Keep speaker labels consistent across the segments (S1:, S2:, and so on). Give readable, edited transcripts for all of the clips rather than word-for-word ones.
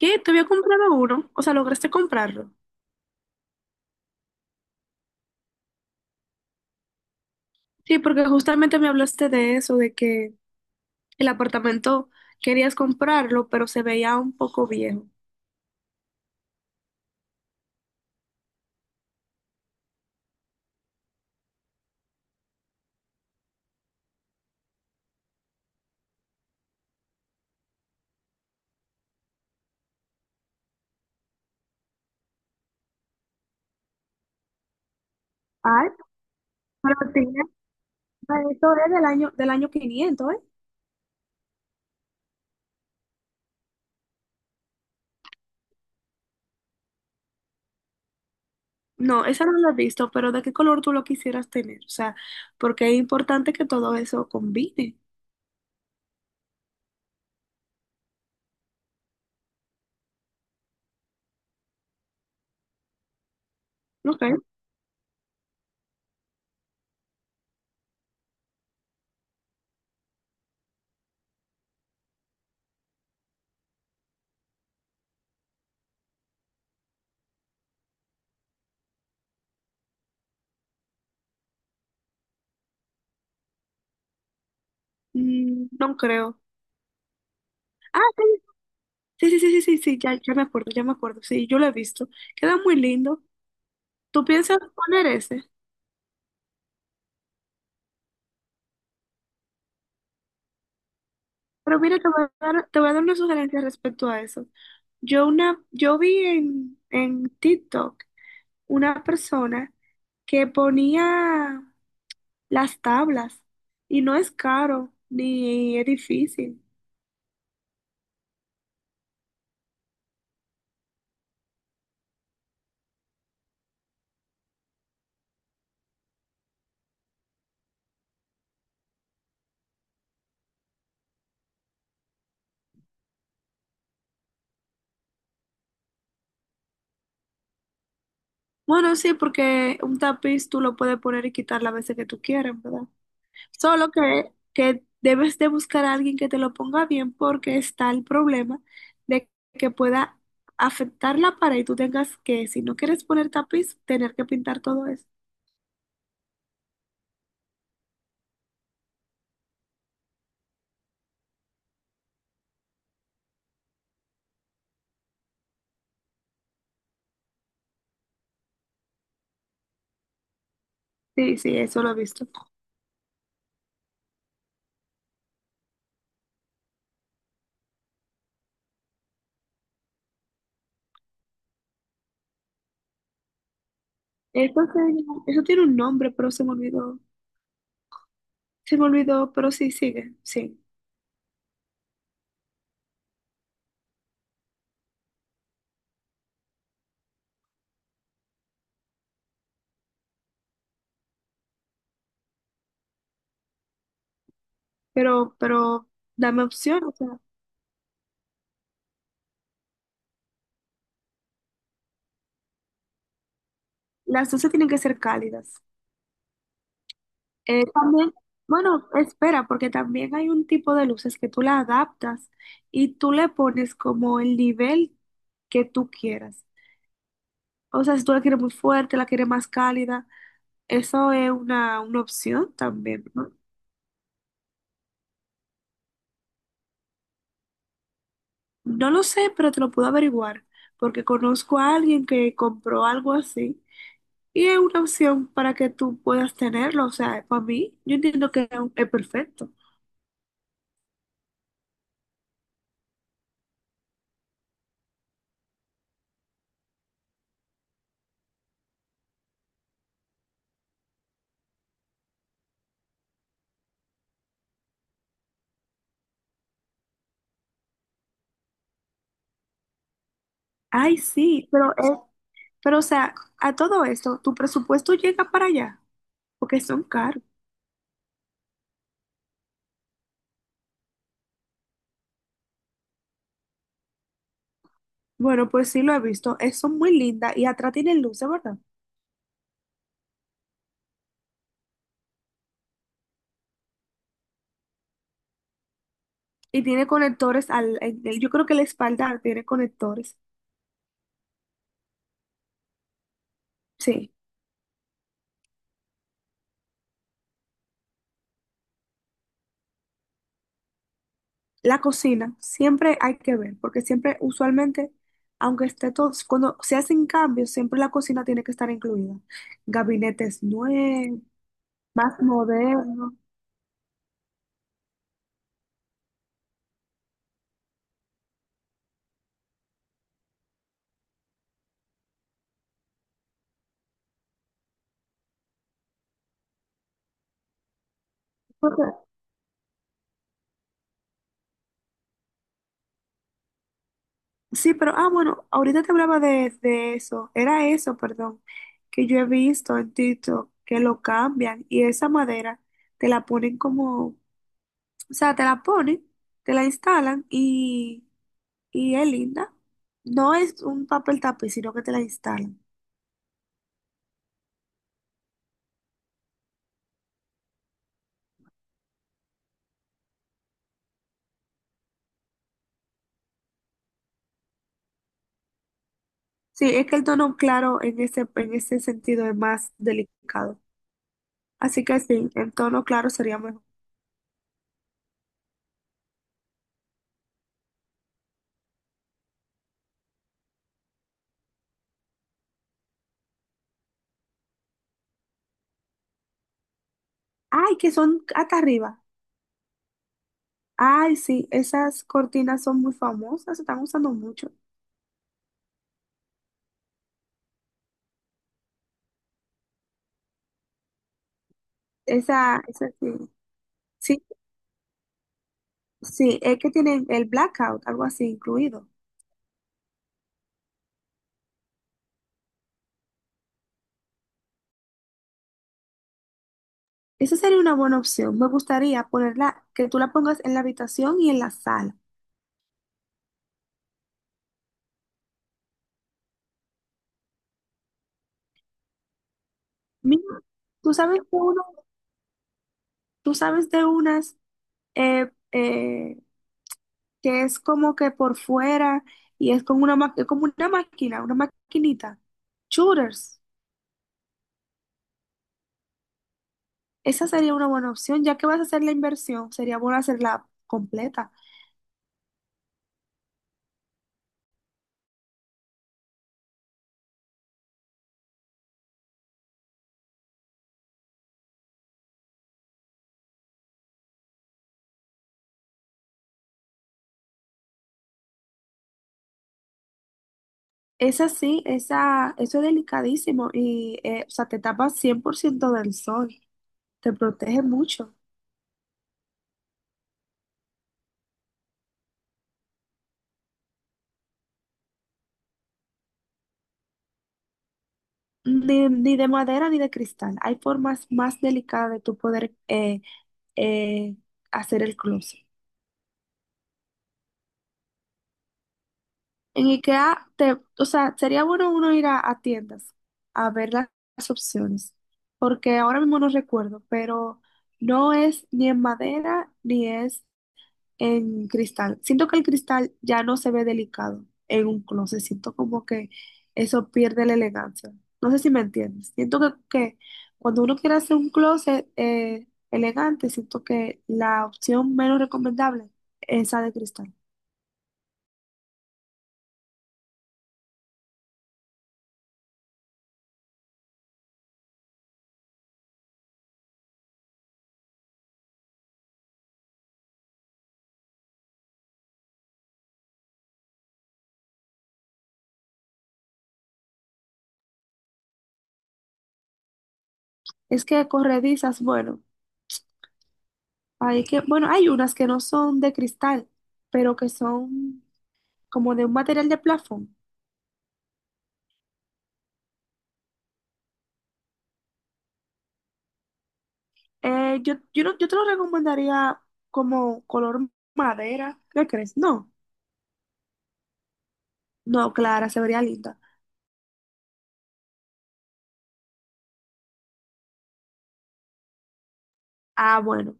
S1: ¿Qué? ¿Te había comprado uno? O sea, ¿lograste comprarlo? Sí, porque justamente me hablaste de eso, de que el apartamento querías comprarlo, pero se veía un poco viejo. Ay, pero tiene, esto es del año 500, ¿eh? No, esa no la he visto, pero ¿de qué color tú lo quisieras tener? O sea, porque es importante que todo eso combine. ¿No creo? Mm, no creo. Ah, sí, sí, sí, sí, sí, sí, ya, ya me acuerdo, ya me acuerdo. Sí, yo lo he visto. Queda muy lindo. ¿Tú piensas poner ese? Pero mira, te voy a dar una sugerencia respecto a eso. Yo, una, yo vi en TikTok una persona que ponía las tablas y no es caro ni es difícil. Bueno, sí, porque un tapiz tú lo puedes poner y quitar las veces que tú quieras, ¿verdad? Solo que debes de buscar a alguien que te lo ponga bien porque está el problema de que pueda afectar la pared y tú tengas que, si no quieres poner tapiz, tener que pintar todo eso. Sí, sí, eso lo he visto. Eso, eso tiene un nombre, pero se me olvidó. Se me olvidó, pero sí, sigue, sí. Pero dame opción, o sea, las dos se tienen que ser cálidas. También, bueno, espera, porque también hay un tipo de luces que tú la adaptas y tú le pones como el nivel que tú quieras. O sea, si tú la quieres muy fuerte, la quieres más cálida, eso es una opción también, ¿no? No lo sé, pero te lo puedo averiguar, porque conozco a alguien que compró algo así y es una opción para que tú puedas tenerlo. O sea, para mí, yo entiendo que es perfecto. Ay, sí, pero es. Pero, o sea, a todo esto, tu presupuesto llega para allá, porque son caros. Bueno, pues sí lo he visto, son muy lindas y atrás tiene luces, ¿verdad? Y tiene conectores yo creo que la espalda tiene conectores. Sí, la cocina, siempre hay que ver, porque siempre, usualmente, aunque esté todo, cuando se hacen cambios, siempre la cocina tiene que estar incluida. Gabinetes nuevos, más modernos. Sí, pero, ah, bueno, ahorita te hablaba de eso, era eso, perdón, que yo he visto en TikTok que lo cambian y esa madera te la ponen como, o sea, te la ponen, te la instalan y es linda. No es un papel tapiz, sino que te la instalan. Sí, es que el tono claro en ese sentido es más delicado. Así que sí, en tono claro sería mejor. Ay, que son hasta arriba. Ay, sí, esas cortinas son muy famosas, se están usando mucho. Esa sí. Sí, sí, es que tienen el blackout, algo así incluido. Esa sería una buena opción. Me gustaría ponerla, que tú la pongas en la habitación y en la sala. Mira, tú sabes de uno, tú sabes de unas eh, eh, que es como que por fuera y es como una, es como una máquina, una maquinita. Shooters. Esa sería una buena opción, ya que vas a hacer la inversión, sería bueno hacerla completa. Es así, esa, eso es delicadísimo y, o sea, te tapa 100% del sol, te protege mucho. Ni de madera ni de cristal. Hay formas más delicadas de tu poder eh, hacer el closet. En IKEA, te, o sea, sería bueno uno ir a tiendas a ver las opciones, porque ahora mismo no recuerdo, pero no es ni en madera ni es en cristal. Siento que el cristal ya no se ve delicado en un closet. Siento como que eso pierde la elegancia. No sé si me entiendes. Siento que cuando uno quiere hacer un closet elegante, siento que la opción menos recomendable es esa de cristal. Es que corredizas, bueno, hay que, bueno, hay unas que no son de cristal, pero que son como de un material de plafón. Yo, yo, no- yo te lo recomendaría como color madera. ¿Qué crees? No. No, Clara, se vería linda. Ah, bueno,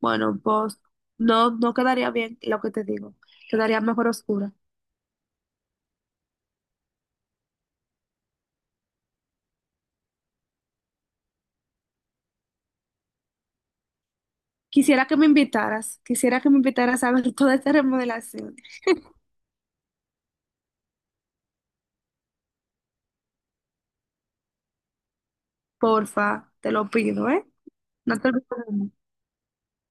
S1: bueno, pues no, no quedaría bien lo que te digo. Quedaría mejor oscura. Quisiera que me invitaras, quisiera que me invitaras a ver toda esta remodelación. Porfa, te lo pido, ¿eh? No te olvides de mí.